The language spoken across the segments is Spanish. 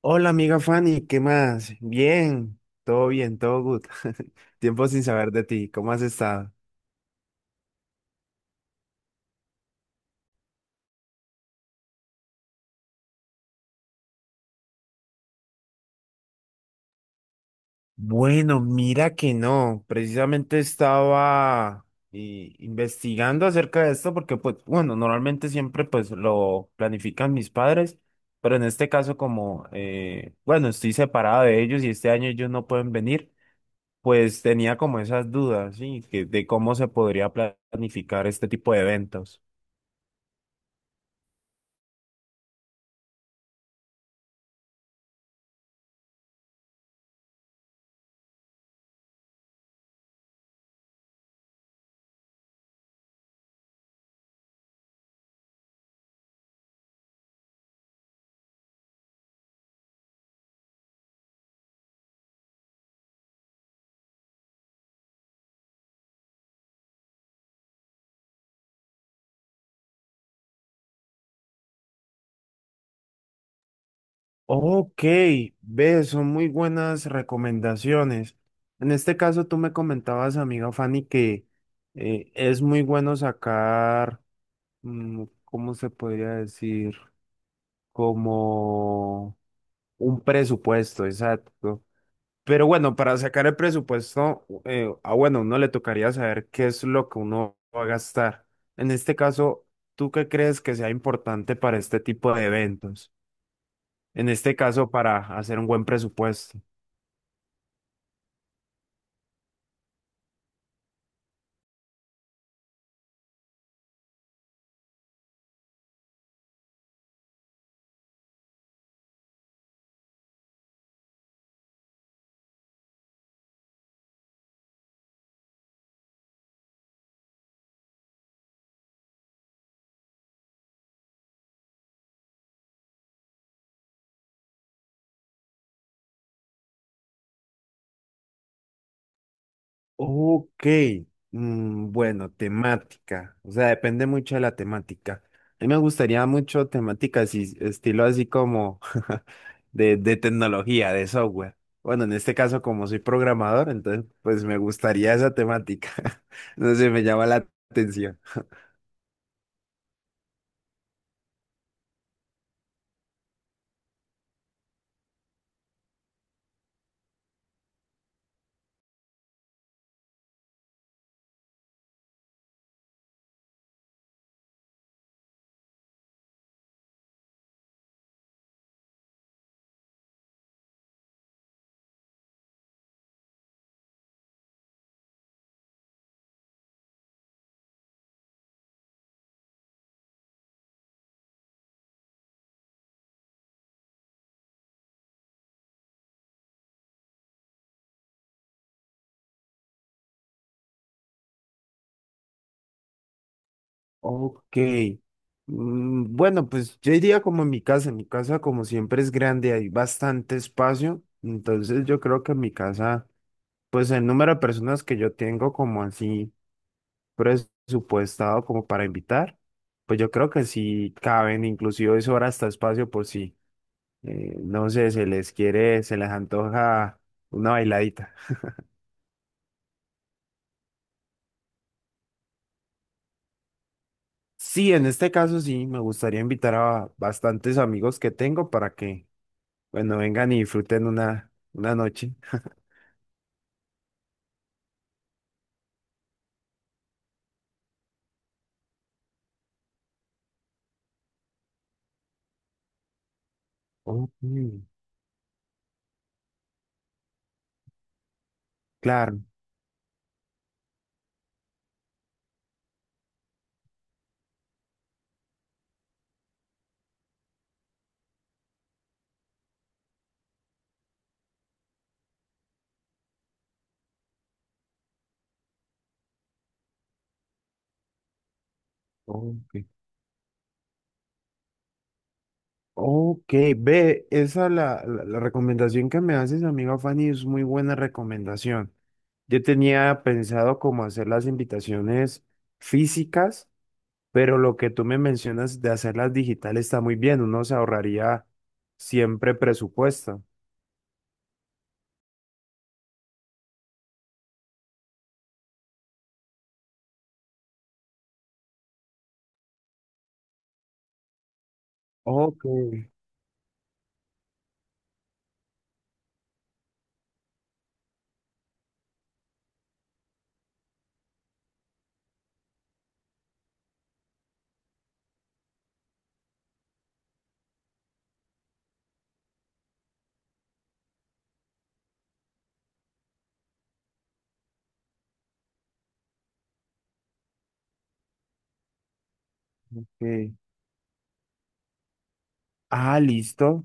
Hola amiga Fanny, ¿qué más? Bien, todo good. Tiempo sin saber de ti, ¿cómo has estado? Bueno, mira que no, precisamente estaba investigando acerca de esto porque pues bueno, normalmente siempre pues lo planifican mis padres, pero en este caso como bueno, estoy separado de ellos y este año ellos no pueden venir, pues tenía como esas dudas, ¿sí? Que, de cómo se podría planificar este tipo de eventos. Ok, ves, son muy buenas recomendaciones. En este caso, tú me comentabas, amiga Fanny, que es muy bueno sacar, ¿cómo se podría decir? Como un presupuesto, exacto. Pero bueno, para sacar el presupuesto, bueno, uno le tocaría saber qué es lo que uno va a gastar. En este caso, ¿tú qué crees que sea importante para este tipo de eventos? En este caso, para hacer un buen presupuesto. Ok, bueno, temática, o sea, depende mucho de la temática. A mí me gustaría mucho temáticas y estilo así como de tecnología, de software. Bueno, en este caso, como soy programador, entonces pues me gustaría esa temática. No sé, me llama la atención. Ok, bueno, pues yo diría como en mi casa como siempre es grande, hay bastante espacio, entonces yo creo que en mi casa. Pues el número de personas que yo tengo como así presupuestado como para invitar, pues yo creo que sí caben, inclusive sobra hasta espacio por si, no sé, se les quiere, se les antoja una bailadita. Sí, en este caso sí, me gustaría invitar a bastantes amigos que tengo para que, bueno, vengan y disfruten una noche. Ok, claro. Ok. Ok, ve, esa la recomendación que me haces, amiga Fanny, es muy buena recomendación. Yo tenía pensado cómo hacer las invitaciones físicas, pero lo que tú me mencionas de hacerlas digitales está muy bien, uno se ahorraría siempre presupuesto. Ok, ok. Ah, listo.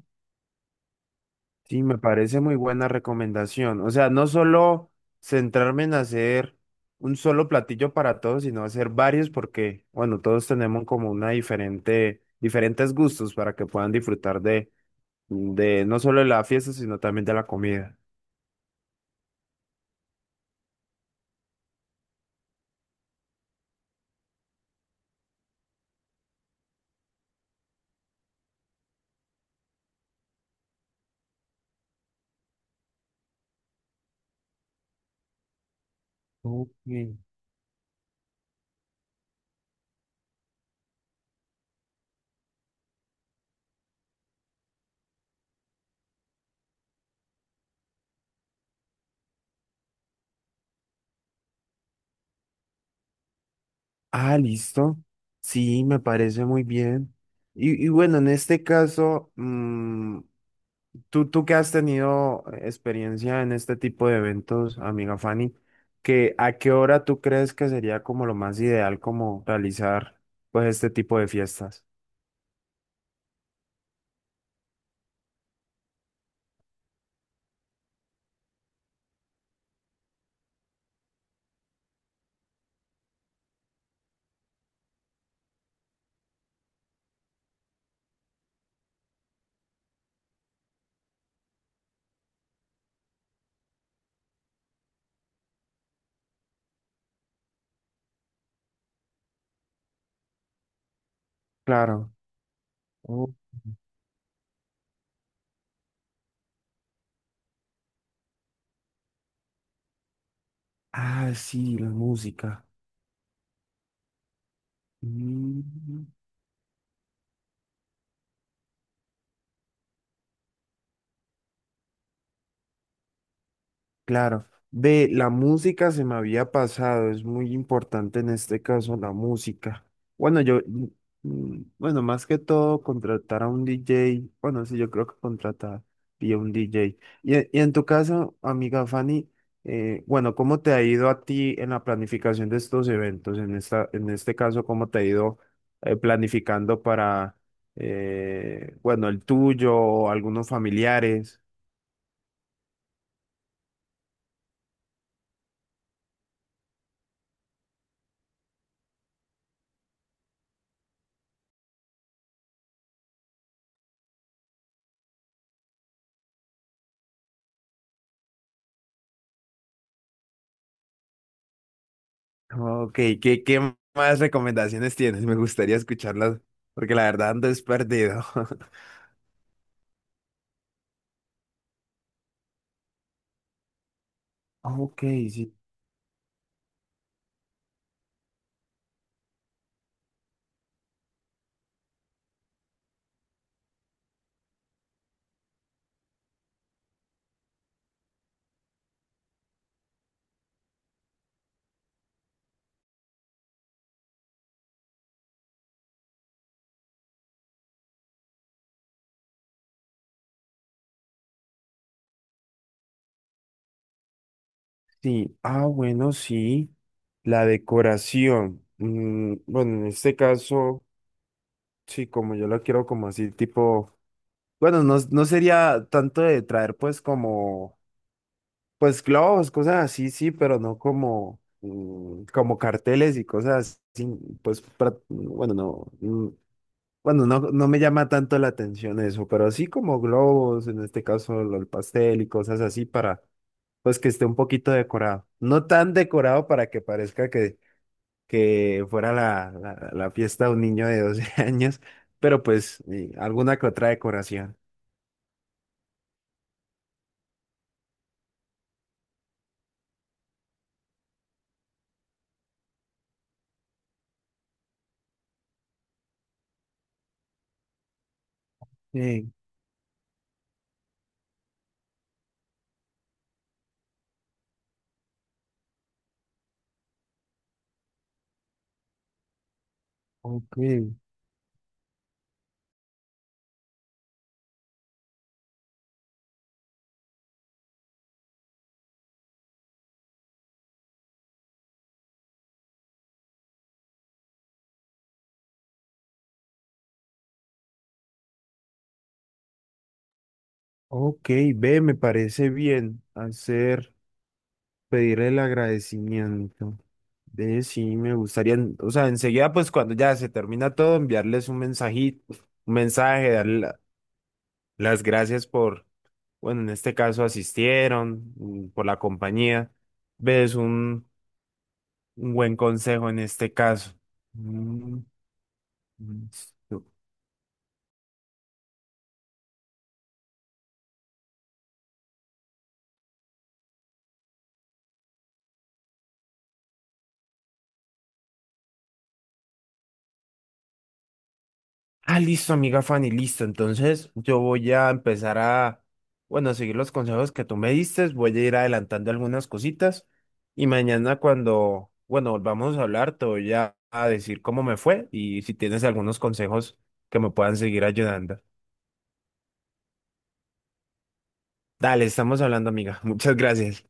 Sí, me parece muy buena recomendación. O sea, no solo centrarme en hacer un solo platillo para todos, sino hacer varios porque, bueno, todos tenemos como una diferente, diferentes gustos para que puedan disfrutar de no solo de la fiesta, sino también de la comida. Ok. Ah, listo. Sí, me parece muy bien. Y bueno, en este caso, tú que has tenido experiencia en este tipo de eventos, amiga Fanny, que ¿a qué hora tú crees que sería como lo más ideal como realizar pues este tipo de fiestas? Claro. Oh. Ah, sí, la música. Mm. Claro, ve, la música se me había pasado, es muy importante en este caso la música. Bueno, yo, bueno, más que todo contratar a un DJ, bueno, sí, yo creo que contratar y a un DJ. Y, y en tu caso, amiga Fanny, bueno, ¿cómo te ha ido a ti en la planificación de estos eventos? En esta, en este caso, ¿cómo te ha ido planificando para, bueno, el tuyo o algunos familiares? Ok, ¿qué, qué más recomendaciones tienes? Me gustaría escucharlas porque la verdad ando es perdido. Ok, sí, sí. Ah, bueno, sí. La decoración. Bueno, en este caso, sí, como yo la quiero como así, tipo, bueno, no, no sería tanto de traer pues como, pues globos, cosas así, sí, pero no como, como carteles y cosas así, pues, bueno, no. Bueno, no, no me llama tanto la atención eso, pero así como globos, en este caso el pastel y cosas así para, pues que esté un poquito decorado. No tan decorado para que parezca que fuera la fiesta de un niño de 12 años, pero pues alguna que otra decoración. Sí, ok, ok, ve, me parece bien hacer. Pedirle el agradecimiento. De sí, me gustaría, en, o sea, enseguida, pues cuando ya se termina todo, enviarles un mensajito, un mensaje, darle la, las gracias por, bueno, en este caso asistieron, por la compañía. Ves un buen consejo en este caso. Mm, listo. Ah, listo, amiga Fanny, listo. Entonces yo voy a empezar a, bueno, a seguir los consejos que tú me diste. Voy a ir adelantando algunas cositas. Y mañana cuando, bueno, volvamos a hablar, te voy a decir cómo me fue y si tienes algunos consejos que me puedan seguir ayudando. Dale, estamos hablando, amiga. Muchas gracias.